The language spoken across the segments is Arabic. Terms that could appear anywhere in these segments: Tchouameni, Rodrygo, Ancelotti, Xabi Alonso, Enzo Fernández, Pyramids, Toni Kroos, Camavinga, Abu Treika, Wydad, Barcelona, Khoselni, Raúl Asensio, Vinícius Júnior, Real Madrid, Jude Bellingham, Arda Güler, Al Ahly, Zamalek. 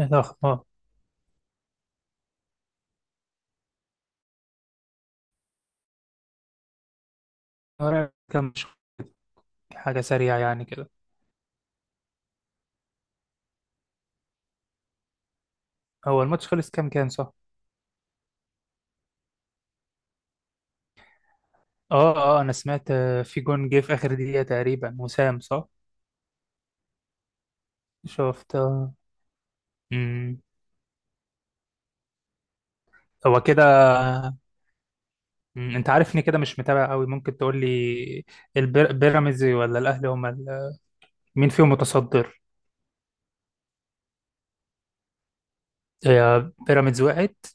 ايه الاخبار؟ ورا كام حاجه سريعه يعني كده. هو الماتش خلص كام كام، صح؟ اه اه، انا سمعت، في جون جه في اخر دقيقه تقريبا وسام، صح؟ شفت، آه. امم. هو كده. انت عارفني كده، مش متابع قوي. ممكن تقول لي، بيراميدز ولا الاهلي هم ال... مين فيهم متصدر؟ هي بيراميدز وقعت؟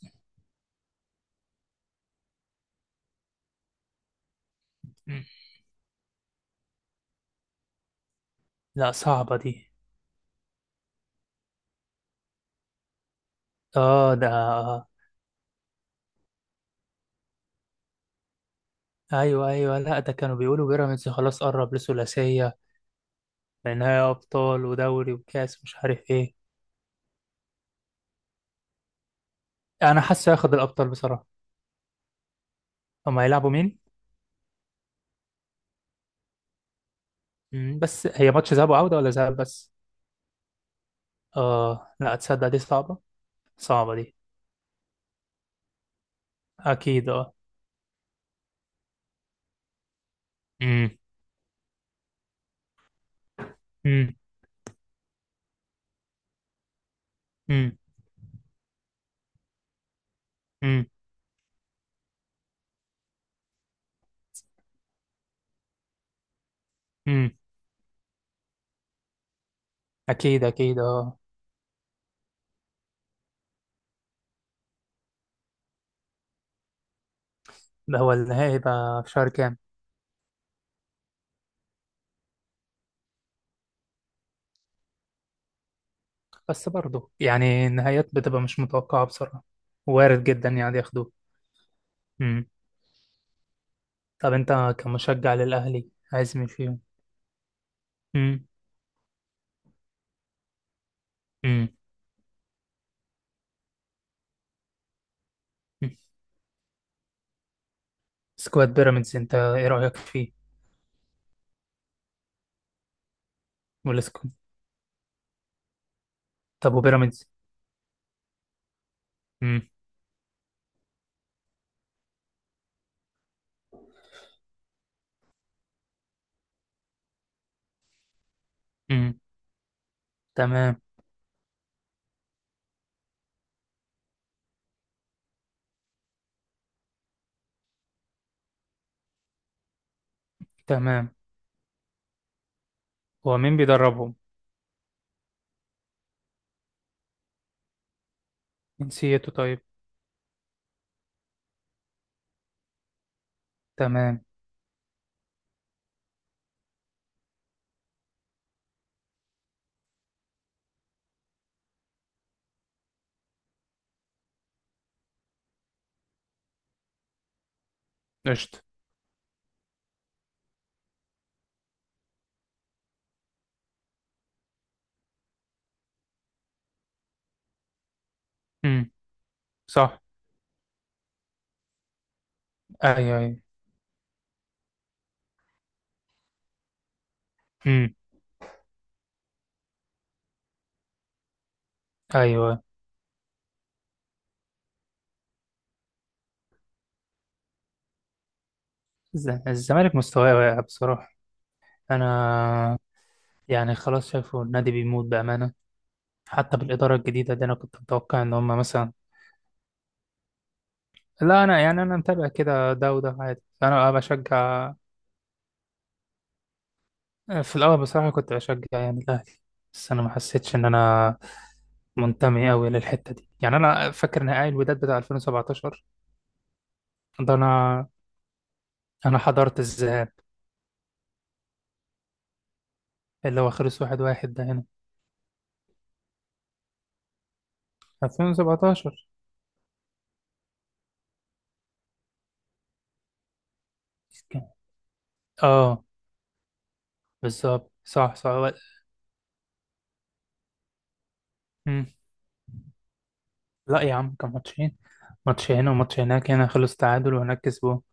مم، لا، صعبه دي. اه ده. ايوه ايوه، لا ده كانوا بيقولوا بيراميدز خلاص قرب لثلاثيه، نهائي ابطال ودوري وكاس مش عارف ايه. انا حاسه هياخد الابطال بصراحه. هم هيلعبوا مين؟ بس هي ماتش ذهاب وعوده ولا ذهاب بس؟ اه لا، تصدق دي صعبه. صعبه دي. اكيد اه. امم. امم. امم. امم. أمم. اكيد اكيد اه. ده هو النهائي بقى في شهر كام؟ بس برضه يعني النهايات بتبقى مش متوقعه بصراحه. وارد جدا يعني ياخدوه. امم. طب انت كمشجع للاهلي عايز مين فيهم؟ امم. امم. أمم. سكواد بيراميدز انت ايه رايك فيه؟ والسكواد؟ طب وبيراميدز؟ امم. امم. تمام. تمام. هو مين بيدربهم؟ جنسيته طيب؟ تمام. قشطة. امم. صح. ايوه ايوه. امم. ايوه. الزمالك مستواه واقع بصراحة. انا، يعني خلاص شايفه النادي بيموت بأمانة. حتى بالإدارة الجديدة دي انا كنت متوقع ان هم مثلا. لا، انا يعني انا متابع كده، ده وده عادي، انا بشجع. في الاول بصراحة كنت بشجع يعني الاهلي. بس انا ما حسيتش ان انا منتمي قوي للحتة دي. يعني انا فاكر نهائي الوداد بتاع 2017. ده انا، انا حضرت الذهاب. اللي هو خلص واحد واحد ده هنا. 2017. كان- اه، بالظبط صح صح مم. لا يا عم، كان ماتشين. ماتش هنا وماتش هناك. هنا خلص تعادل وهناك كسبوه.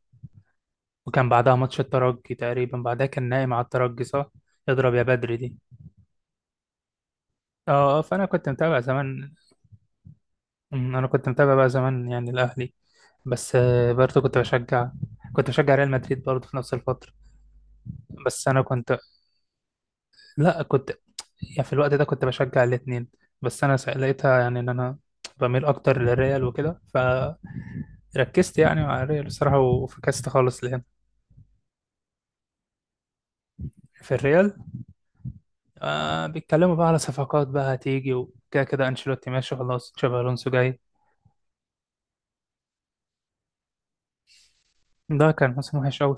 وكان بعدها ماتش الترجي تقريبا، بعدها كان نايم على الترجي، صح. اضرب يا بدري دي. اه اه، فانا كنت متابع زمان. انا كنت متابع بقى زمان يعني الاهلي. بس برضه كنت بشجع. كنت بشجع ريال مدريد برضه في نفس الفترة. بس انا كنت لا كنت يعني في الوقت ده كنت بشجع الاتنين. بس انا لقيتها يعني ان انا بميل اكتر للريال وكده. فركزت يعني مع الريال بصراحه وفكست خالص لهنا. في الريال، آه بيتكلموا بقى على صفقات بقى هتيجي وكده كده. انشيلوتي ماشي خلاص، تشابي الونسو جاي. ده كان موسم وحش قوي.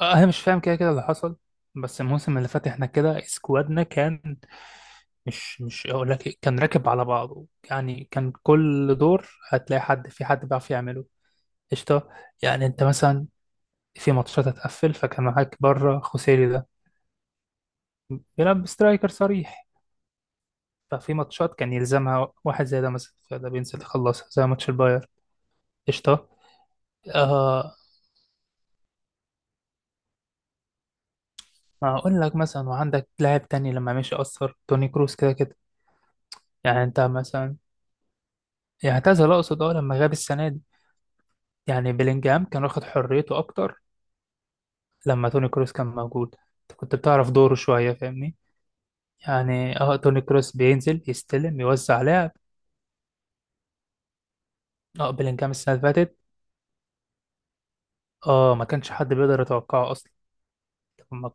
آه انا مش فاهم كده كده اللي حصل. بس الموسم اللي فات احنا كده اسكوادنا كان، مش اقول لك كان راكب على بعضه. يعني كان كل دور هتلاقي حد في حد بيعرف يعمله. قشطة. يعني أنت مثلا في ماتشات هتقفل، فكان معاك بره خوسيلي ده، بيلعب سترايكر صريح. ففي ماتشات كان يلزمها واحد زي ده مثلا، فده بينزل يخلصها زي ماتش الباير. قشطة. آه. ما أقول لك مثلا وعندك لاعب تاني، لما مشي أثر توني كروس كده كده. يعني أنت مثلا، يعني اعتزل أقصد، أه لما غاب السنة دي، يعني بلينجهام كان واخد حريته أكتر. لما توني كروس كان موجود أنت كنت بتعرف دوره شوية، فاهمني؟ يعني اه توني كروس بينزل يستلم يوزع لعب. اه بلينجهام السنة اللي فاتت، اه ما كانش حد بيقدر يتوقعه أصلا. لما-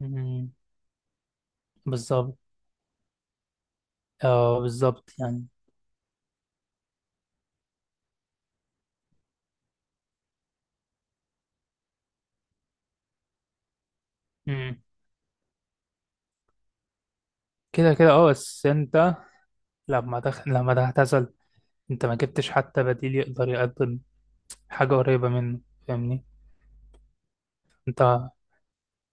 مم، بالظبط. اه بالظبط يعني. مم. كده كده اه، بس أنت لما تعتزل أنت ما جبتش حتى بديل يقدر يقدم حاجة قريبة منه. فاهمني؟ أنت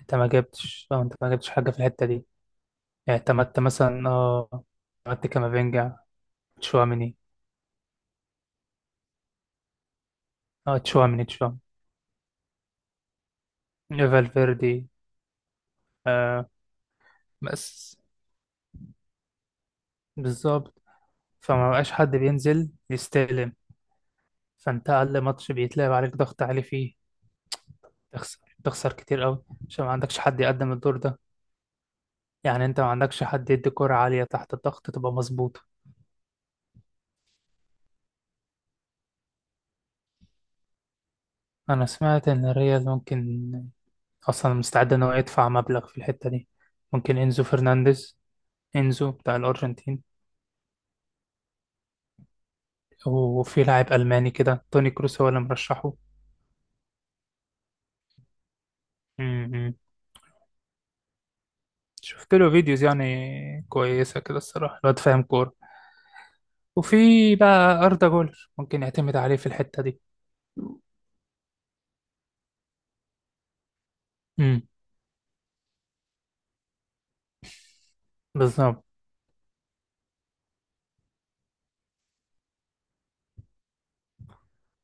أنت ما جبتش، اه أنت ما جبتش حاجة في الحتة دي. يعني اعتمدت مثلا، اه اعتمدت كامافينجا، تشواميني. اه تشواميني تشواميني. فالفيردي. آه. بس. بالظبط. فما بقاش حد بينزل يستلم. فانت اقل ماتش بيتلعب عليك ضغط عالي فيه تخسر. تخسر كتير قوي عشان ما عندكش حد يقدم الدور ده. يعني انت ما عندكش حد يدي كرة عالية تحت الضغط تبقى مظبوطة. انا سمعت ان الريال ممكن اصلا مستعد ان هو يدفع مبلغ في الحتة دي. ممكن انزو فرنانديز، انزو بتاع الارجنتين. وفي لاعب الماني كده توني كروس هو اللي مرشحه. م-م. شفت له فيديوز يعني كويسة كده الصراحة، الواد فاهم كورة. وفي بقى أردا جولر ممكن يعتمد عليه في الحتة دي. امم. بالظبط.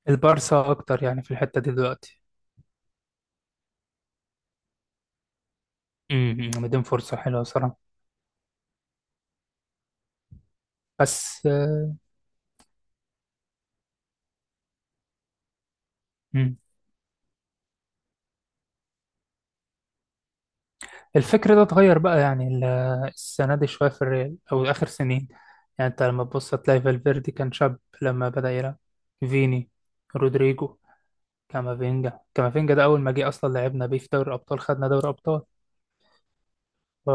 البارسا اكتر يعني في الحته دي دلوقتي. امم. مدين فرصه حلوه صراحه. بس مم. الفكر ده اتغير بقى يعني السنه دي شويه في الريال او اخر سنين. يعني انت لما تبص هتلاقي فالفيردي كان شاب لما بدا يلعب، فيني، رودريجو، كامافينجا. كامافينجا ده اول ما جه اصلا لعبنا بيه في دوري الابطال، خدنا دوري ابطال. ف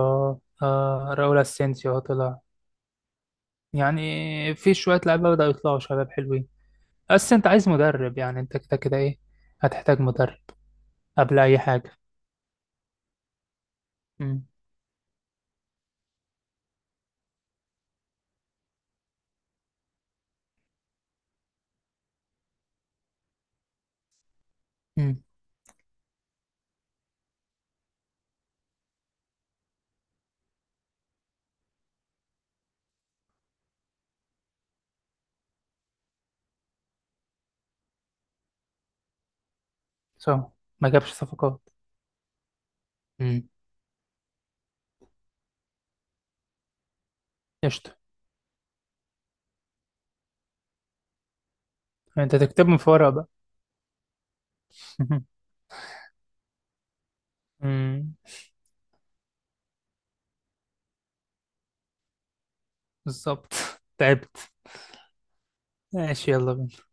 راؤول اسينسيو أهو طلع. يعني في شويه لعيبه بداوا يطلعوا شباب حلوين. بس انت عايز مدرب، يعني انت كده كده ايه، هتحتاج مدرب قبل اي حاجه. مم. مم. صح. ما جابش صفقات. مم. قشطة. انت تكتبهم في ورقة بقى. مم. بالظبط. تعبت. ماشي يلا بينا.